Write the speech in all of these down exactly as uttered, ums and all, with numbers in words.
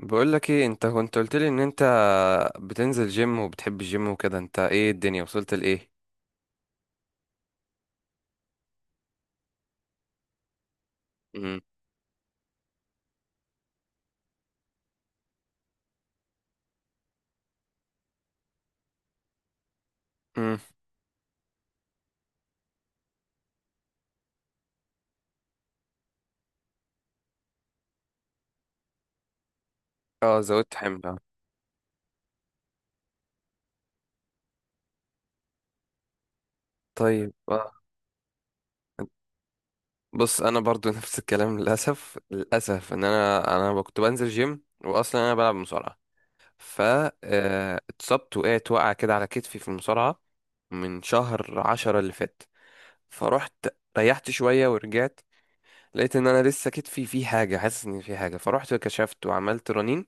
بقول لك ايه، انت كنت قلت لي ان انت بتنزل جيم وبتحب الجيم وكده. انت ايه؟ الدنيا وصلت لايه؟ مم. امم. اه، زودت حمل آه. طيب آه. بص انا برضو نفس الكلام. للاسف للاسف ان انا انا كنت بنزل جيم، واصلا انا بلعب مصارعه. ف آه، اتصبت، وقعت وقعه كده على كتفي في المصارعه من شهر عشرة اللي فات. فروحت ريحت شويه ورجعت، لقيت ان انا لسه كتفي فيه حاجه، حاسس ان فيه حاجه. فروحت كشفت وعملت رنين،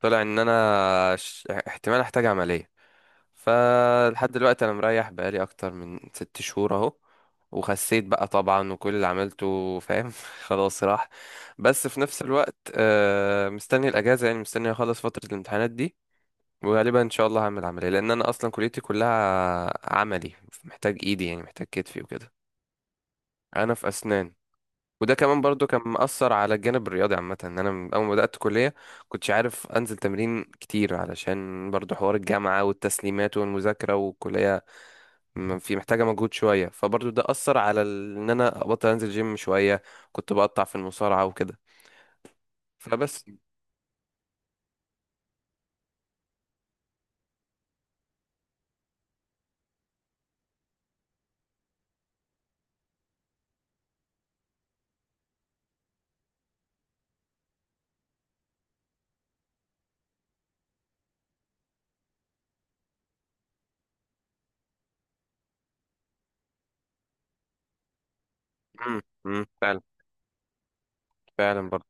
طلع ان انا ش- احتمال احتاج عملية. فلحد دلوقتي انا مريح بقالي اكتر من ست شهور اهو. وخسيت بقى طبعا، وكل اللي عملته فاهم خلاص راح. بس في نفس الوقت آه، مستني الاجازة، يعني مستني اخلص فترة الامتحانات دي. وغالبا ان شاء الله هعمل عملية، لان انا اصلا كليتي كلها عملي، محتاج ايدي يعني محتاج كتفي وكده. انا في اسنان. وده كمان برضو كان مأثر على الجانب الرياضي عامة، ان انا من اول ما بدأت كلية كنتش عارف انزل تمرين كتير علشان برضو حوار الجامعة والتسليمات والمذاكرة، والكلية م- في محتاجة مجهود شوية. فبرضو ده أثر على ال- ان انا ابطل انزل جيم شوية، كنت بقطع في المصارعة وكده. فبس. امم امم. فعلا. فعلا برضو.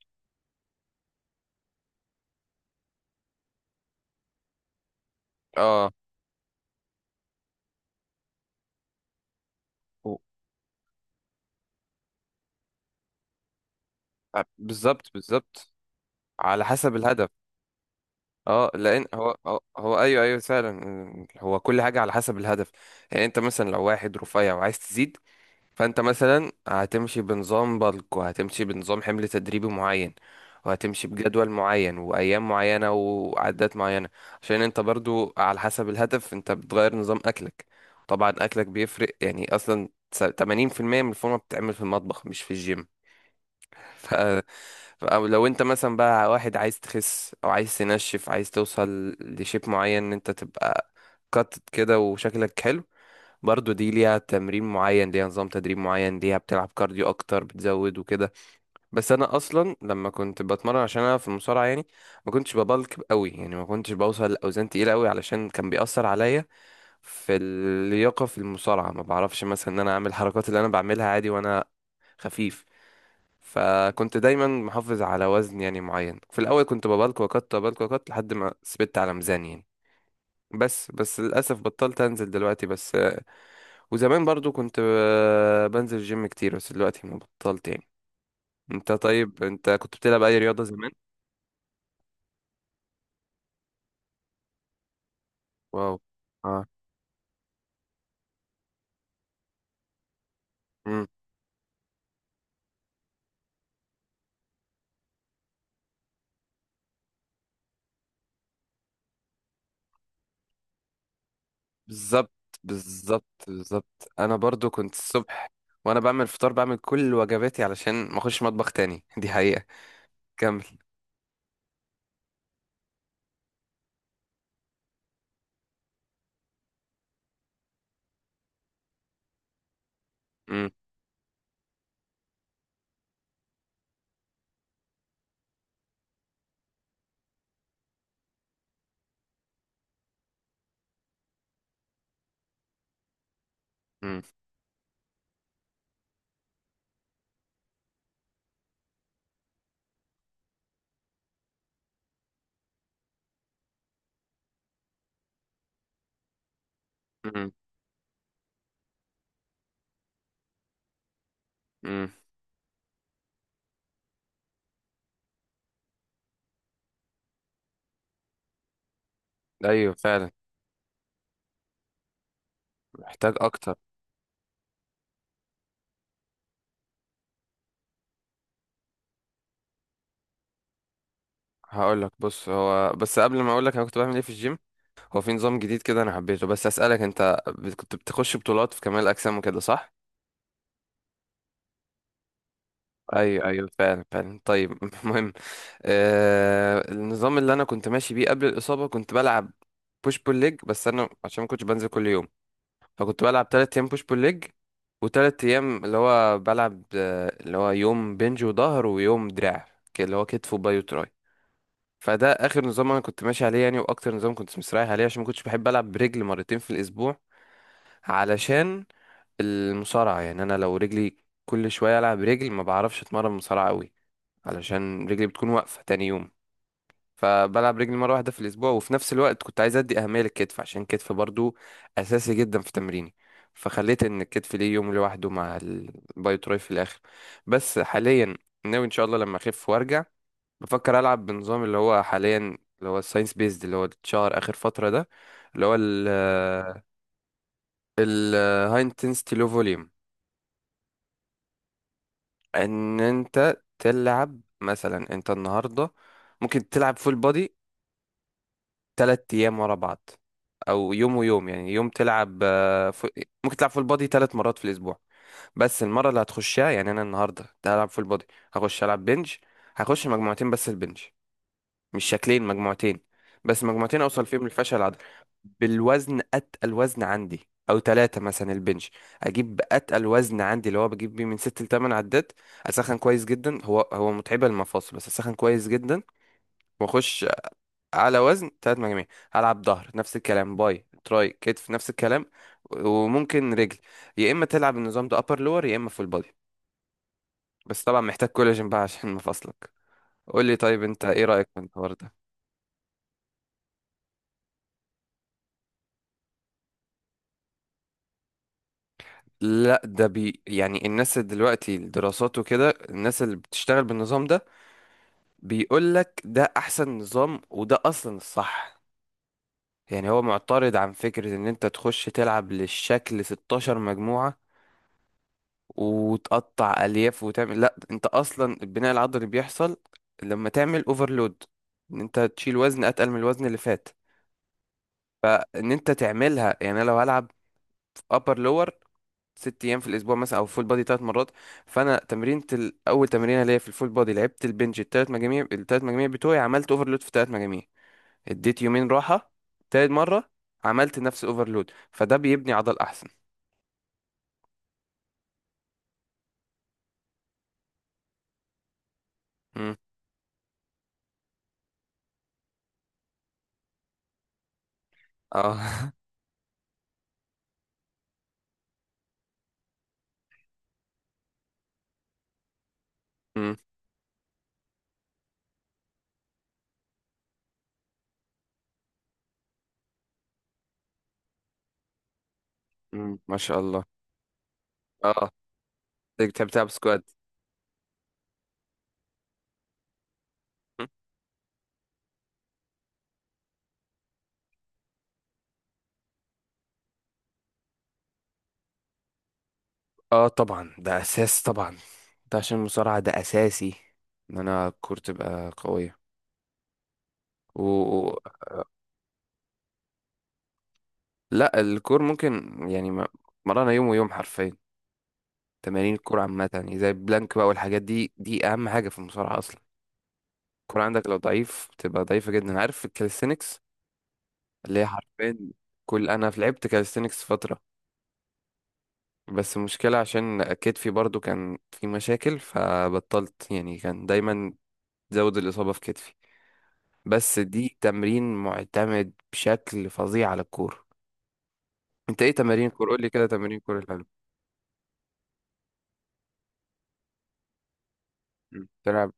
اه. و- آه، بالظبط بالظبط، على حسب الهدف. اه، لان هو هو هو ايوه ايوه فعلا. آه، هو كل حاجه على حسب الهدف. يعني انت مثلا لو واحد رفيع وعايز تزيد، فانت مثلا هتمشي بنظام بالك، وهتمشي بنظام حمل تدريبي معين، وهتمشي بجدول معين وايام معينه وعدات معينه. عشان انت برضو على حسب الهدف انت بتغير نظام اكلك. طبعا اكلك بيفرق، يعني اصلا س- ثمانون بالمائة من الفورمه بتتعمل في المطبخ مش في الجيم. ف... او لو انت مثلا بقى واحد عايز تخس او عايز تنشف، عايز توصل لشيب معين ان انت تبقى قطت كده وشكلك حلو، برضو دي ليها تمرين معين، ليها نظام تدريب معين، ليها بتلعب كارديو اكتر بتزود وكده. بس انا اصلا لما كنت بتمرن عشان انا في المصارعه يعني ما كنتش ببلك قوي، يعني ما كنتش بوصل لاوزان تقيله قوي، علشان كان بيأثر عليا في اللياقه في المصارعه. ما بعرفش مثلا ان انا اعمل الحركات اللي انا بعملها عادي وانا خفيف. فكنت دايما محافظ على وزن يعني معين، في الاول كنت ببلك وقت ببلك وقت لحد ما ثبت على ميزان يعني. بس بس للاسف بطلت انزل دلوقتي بس. وزمان برضو كنت آه، بنزل جيم كتير، بس دلوقتي ما بطلت يعني. انت طيب، انت كنت بتلعب اي رياضة زمان؟ واو. اه. امم. بالظبط بالظبط بالظبط. انا برضو كنت الصبح، وانا بعمل فطار بعمل كل وجباتي علشان ما اخش مطبخ تاني دي حقيقة. كمل. امم امم امم امم. ايوه فعلا. محتاج اكتر. هقول لك. بص، هو بس قبل ما اقول لك انا كنت بعمل ايه في الجيم، هو في نظام جديد كده انا حبيته، بس اسالك انت بت- كنت بتخش بطولات في كمال الاجسام وكده صح؟ ايوه ايوه فعلا فعلا. طيب المهم، آه النظام اللي انا كنت ماشي بيه قبل الاصابه كنت بلعب بوش بول ليج. بس انا عشان ما كنتش بنزل كل يوم، فكنت بلعب تلات ايام بوش بول ليج، وتلات ايام اللي هو بلعب آه، اللي هو يوم بنج وظهر، ويوم دراع، ك- اللي هو كتف وباي وتراي. فده اخر نظام انا كنت ماشي عليه يعني، واكتر نظام كنت مستريح عليه، عشان ما كنتش بحب العب برجل مرتين في الاسبوع. علشان المصارعه يعني، انا لو رجلي كل شويه العب رجل ما بعرفش اتمرن مصارعه قوي، علشان رجلي بتكون واقفة تاني يوم. فبلعب رجلي مرة واحدة في الأسبوع، وفي نفس الوقت كنت عايز أدي أهمية للكتف، عشان الكتف برضو أساسي جدا في تمريني. فخليت إن الكتف ليه يوم لوحده مع الباي تراي في الآخر. بس حاليا ناوي إن شاء الله لما أخف وأرجع بفكر ألعب بنظام اللي هو حاليا، اللي هو الساينس بيزد، اللي هو اتشهر آخر فترة ده، اللي هو ال ال هاي انتنسيتي لو فوليوم. ان انت تلعب، مثلا انت النهارده ممكن تلعب فول بودي تلات أيام ورا بعض، أو يوم ويوم، يعني يوم تلعب آه، ف... ممكن تلعب فول بودي تلات مرات في الأسبوع. بس المرة اللي هتخشها، يعني أنا النهاردة هلعب فول بودي، هخش ألعب بنج، هخش مجموعتين بس البنج، مش شكلين مجموعتين، بس مجموعتين أوصل فيهم للفشل العضلي بالوزن، أتقل وزن عندي. أو تلاتة مثلا البنج، أجيب أتقل وزن عندي اللي هو بجيب بيه من ست لتمن عدات. أسخن كويس جدا، هو هو متعبة المفاصل بس أسخن كويس جدا وأخش على وزن تلات مجاميع. هلعب ظهر نفس الكلام، باي تراي كتف نفس الكلام، وممكن رجل. يا اما تلعب النظام ده ابر لور، يا اما فول بودي. بس طبعا محتاج كولاجين بقى عشان مفاصلك. قول لي طيب، انت ايه رايك في الحوار ده؟ لا ده بي يعني الناس اللي دلوقتي الدراسات وكده، الناس اللي بتشتغل بالنظام ده، بيقول لك ده احسن نظام، وده اصلا الصح. يعني هو معترض عن فكرة ان انت تخش تلعب للشكل ستة عشر مجموعة، وتقطع الياف وتعمل. لا، انت اصلا البناء العضلي بيحصل لما تعمل اوفرلود، ان انت تشيل وزن اتقل من الوزن اللي فات، ان انت تعملها. يعني انا لو هلعب ابر لور ست ايام في الاسبوع مثلا، او فول بادي ثلاث مرات، فانا تمرينة ال- اول تمرينه ليا في الفول بادي لعبت البنج الثلاث مجاميع، الثلاث مجاميع بتوعي عملت اوفرلود في الثلاث مجاميع. اديت يومين راحه، تالت مره عملت نفس الاوفرلود، فده بيبني عضل احسن. مم. اه مم. مم. ما شاء الله. اه، بتحب تلعب سكواد؟ اه طبعا، ده اساس طبعا، ده عشان المصارعة ده اساسي، ان انا الكور تبقى قوية. و... و- لا، الكور ممكن يعني م- مرانا يوم ويوم حرفيا. تمارين الكور عامة يعني زي البلانك بقى والحاجات دي، دي اهم حاجة في المصارعة اصلا. الكور عندك لو ضعيف بتبقى ضعيفة جدا. عارف الكاليستينكس اللي هي حرفيا؟ كل انا في لعبت كاليستينكس فترة، بس المشكلة عشان كتفي برضو كان في مشاكل فبطلت يعني، كان دايما زود الإصابة في كتفي، بس دي تمرين معتمد بشكل فظيع على الكورة. انت ايه تمارين الكورة؟ قول لي كده تمارين الكورة الحلوة. مم. تلعب.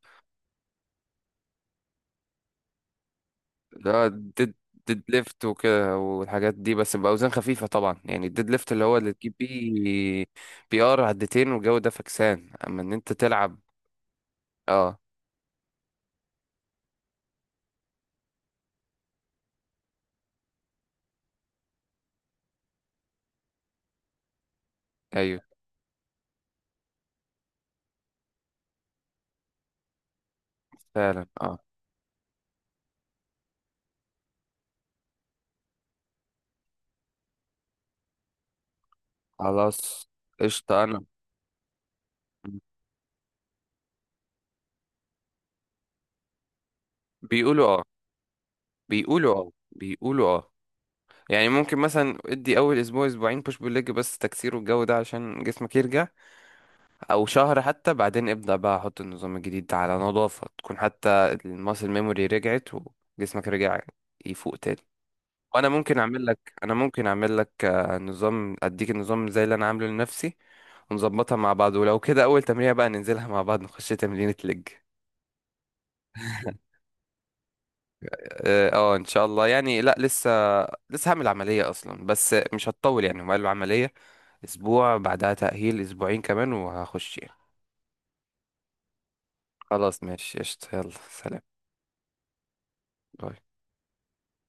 لا، ديد ديد ليفت وكده والحاجات دي، بس بأوزان خفيفة طبعا. يعني الديد ليفت اللي هو اللي تجيب بيه بي ار عدتين والجو ده، فكسان اما ان انت تلعب. اه. ايوه فعلا. اه خلاص قشطة. انا بيقولوا اه بيقولوا اه بيقولوا اه. يعني ممكن مثلا ادي اول اسبوع اسبوعين بوش بول ليج بس تكسير والجو ده عشان جسمك يرجع، او شهر حتى. بعدين ابدأ بقى احط النظام الجديد ده على نظافة، تكون حتى الماسل ميموري رجعت وجسمك رجع يفوق تاني. وانا ممكن اعمل لك انا ممكن اعمل لك آه، نظام، اديك النظام زي اللي انا عامله لنفسي، ونظبطها مع بعض. ولو كده اول تمرينة بقى ننزلها مع بعض، نخش تمرينة لج. اه. آه، ان شاء الله يعني. لا، لسه لسه هعمل عملية اصلا، بس مش هتطول يعني. هم قالوا عملية اسبوع، بعدها تأهيل اسبوعين كمان وهخش يعني. خلاص ماشي قشطة، يلا سلام. باي.